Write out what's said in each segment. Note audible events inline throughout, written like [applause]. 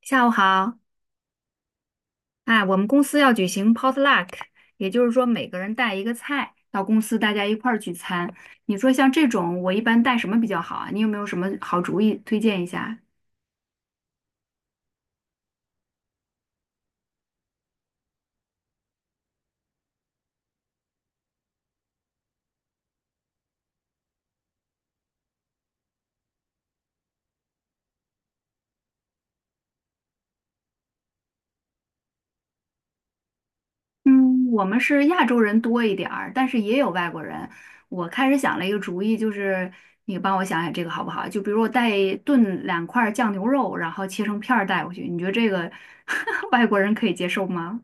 下午好，哎，我们公司要举行 potluck，也就是说每个人带一个菜到公司，大家一块儿聚餐。你说像这种，我一般带什么比较好啊？你有没有什么好主意推荐一下？嗯，我们是亚洲人多一点儿，但是也有外国人。我开始想了一个主意，就是你帮我想想这个好不好？就比如我带炖两块儿酱牛肉，然后切成片儿带过去，你觉得这个 [laughs] 外国人可以接受吗？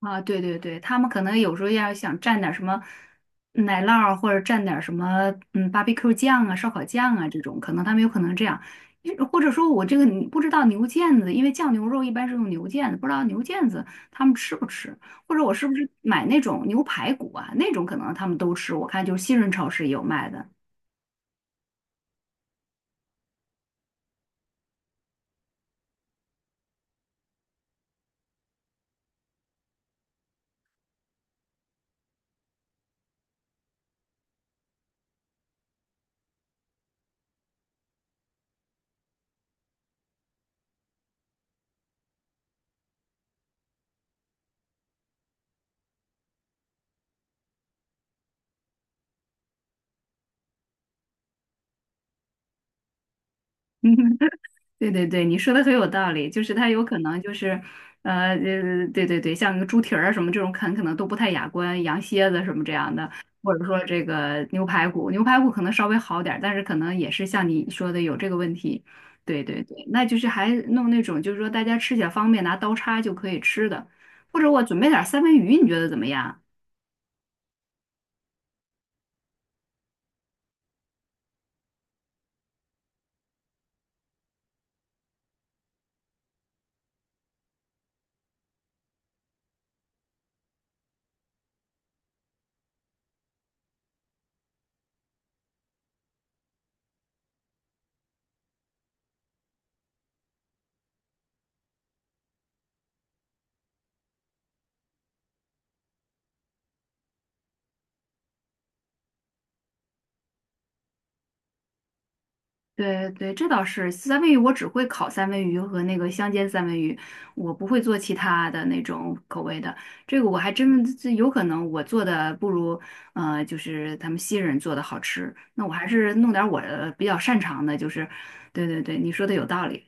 啊，对对对，他们可能有时候要想蘸点儿什么奶酪儿或者蘸点儿什么barbecue 酱啊、烧烤酱啊这种，可能他们有可能这样。或者说我这个你不知道牛腱子，因为酱牛肉一般是用牛腱子，不知道牛腱子他们吃不吃，或者我是不是买那种牛排骨啊，那种可能他们都吃，我看就是新润超市也有卖的。对对对，你说的很有道理，就是它有可能就是，对对对，像个猪蹄儿啊什么这种啃，可能都不太雅观，羊蝎子什么这样的，或者说这个牛排骨，牛排骨可能稍微好点儿，但是可能也是像你说的有这个问题。对对对，那就是还弄那种就是说大家吃起来方便，拿刀叉就可以吃的，或者我准备点儿三文鱼，你觉得怎么样？对对，这倒是三文鱼，我只会烤三文鱼和那个香煎三文鱼，我不会做其他的那种口味的。这个我还真这有可能我做的不如就是他们西人做的好吃。那我还是弄点儿我比较擅长的，就是对对对，你说的有道理。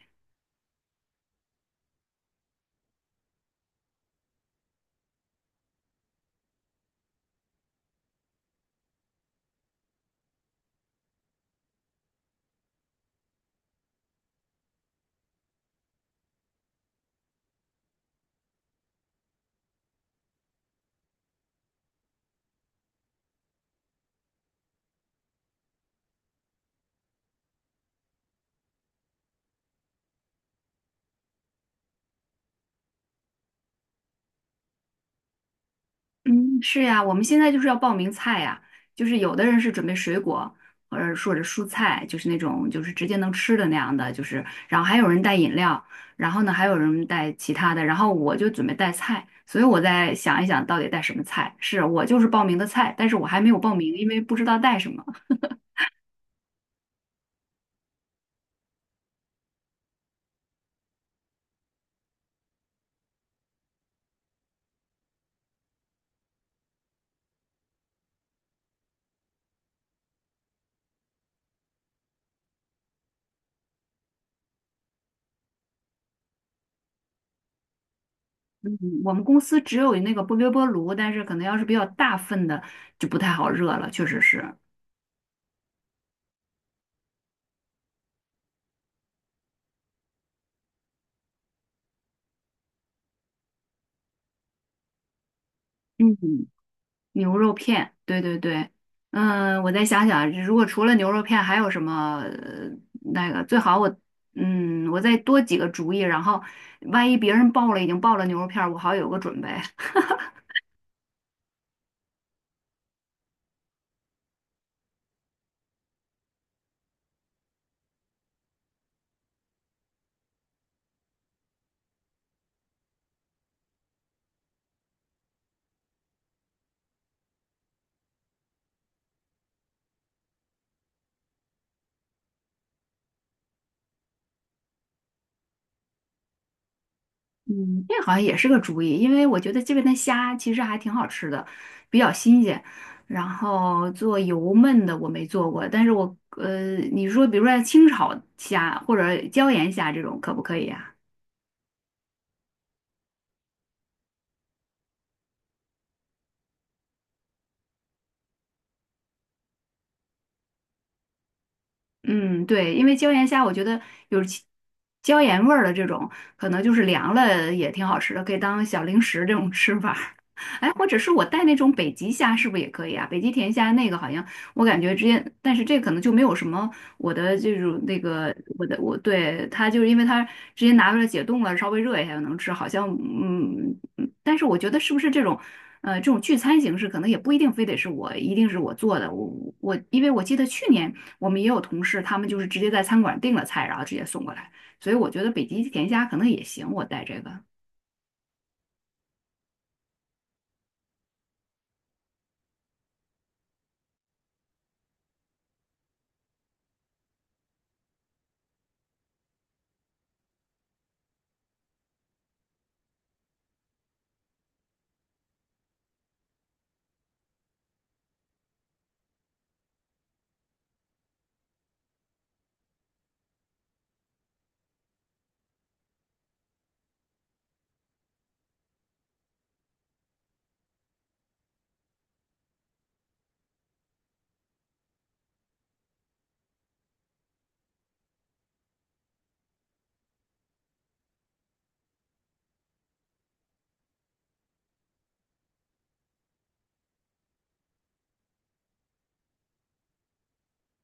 嗯，是呀，我们现在就是要报名菜呀，就是有的人是准备水果，或者说者蔬菜，就是那种就是直接能吃的那样的，就是然后还有人带饮料，然后呢还有人带其他的，然后我就准备带菜，所以我在想一想到底带什么菜。是我就是报名的菜，但是我还没有报名，因为不知道带什么。嗯我们公司只有那个微波炉，但是可能要是比较大份的就不太好热了，确实是。嗯。牛肉片，对对对，嗯，我再想想啊，如果除了牛肉片还有什么那个最好我我再多几个主意，然后万一别人已经报了牛肉片儿我好有个准备。[laughs] 嗯，这好像也是个主意，因为我觉得这边的虾其实还挺好吃的，比较新鲜。然后做油焖的我没做过，但是我你说比如说像清炒虾或者椒盐虾这种可不可以啊？嗯，对，因为椒盐虾，我觉得有其椒盐味儿的这种，可能就是凉了也挺好吃的，可以当小零食这种吃法。哎，或者是我带那种北极虾，是不是也可以啊？北极甜虾那个好像我感觉直接，但是这可能就没有什么我的这种那个我的我对它就是因为它直接拿出来解冻了，稍微热一下就能吃，好像嗯，嗯但是我觉得是不是这种这种聚餐形式，可能也不一定非得是我一定是我做的，我因为我记得去年我们也有同事，他们就是直接在餐馆订了菜，然后直接送过来，所以我觉得北极甜虾可能也行，我带这个。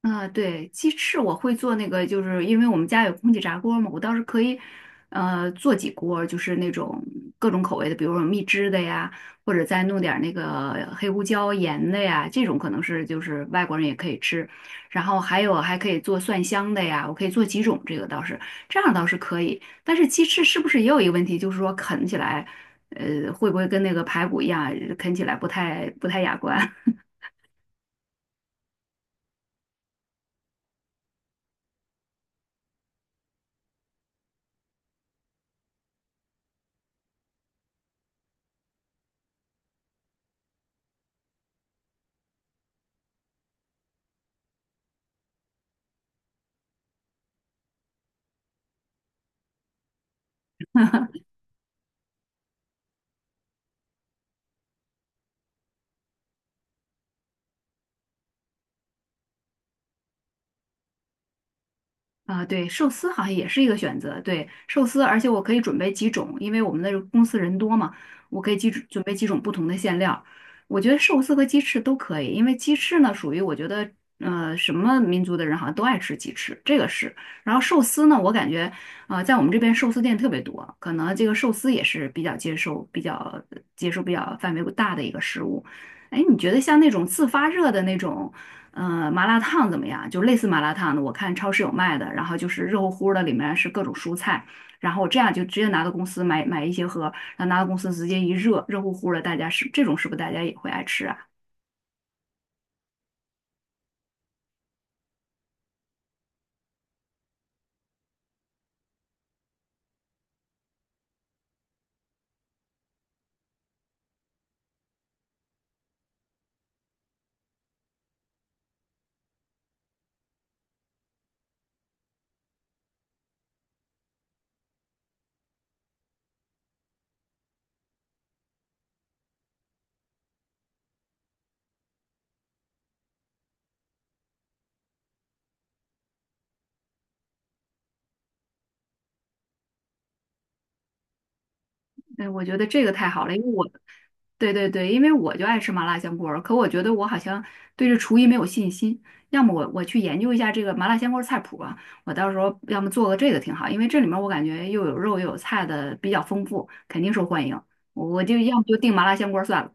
啊，对，鸡翅我会做那个，就是因为我们家有空气炸锅嘛，我倒是可以，做几锅，就是那种各种口味的，比如说蜜汁的呀，或者再弄点儿那个黑胡椒盐的呀，这种可能是就是外国人也可以吃。然后还有还可以做蒜香的呀，我可以做几种，这个倒是这样倒是可以。但是鸡翅是不是也有一个问题，就是说啃起来，会不会跟那个排骨一样，啃起来不太雅观？啊，对，寿司好像也是一个选择。对，寿司，而且我可以准备几种，因为我们的公司人多嘛，我可以准备几种不同的馅料。我觉得寿司和鸡翅都可以，因为鸡翅呢属于我觉得，什么民族的人好像都爱吃鸡翅，这个是。然后寿司呢，我感觉，啊，在我们这边寿司店特别多，可能这个寿司也是比较接受、比较范围大的一个食物。哎，你觉得像那种自发热的那种？嗯，麻辣烫怎么样？就类似麻辣烫的，我看超市有卖的，然后就是热乎乎的，里面是各种蔬菜，然后我这样就直接拿到公司买一些盒，然后拿到公司直接一热，热乎乎的，大家是这种是不是大家也会爱吃啊？对，我觉得这个太好了，因为我，对对对，因为我就爱吃麻辣香锅儿，可我觉得我好像对这厨艺没有信心。要么我去研究一下这个麻辣香锅儿菜谱吧，我到时候要么做个这个挺好，因为这里面我感觉又有肉又有菜的，比较丰富，肯定受欢迎。我就要么就订麻辣香锅儿算了。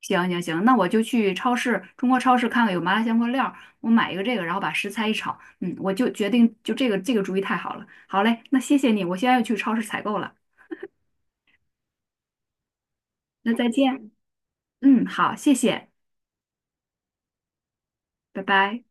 行行行，那我就去超市，中国超市看看有麻辣香锅料儿，我买一个这个，然后把食材一炒，嗯，我就决定就这个主意太好了。好嘞，那谢谢你，我现在要去超市采购了，那再见。嗯，好，谢谢，拜拜。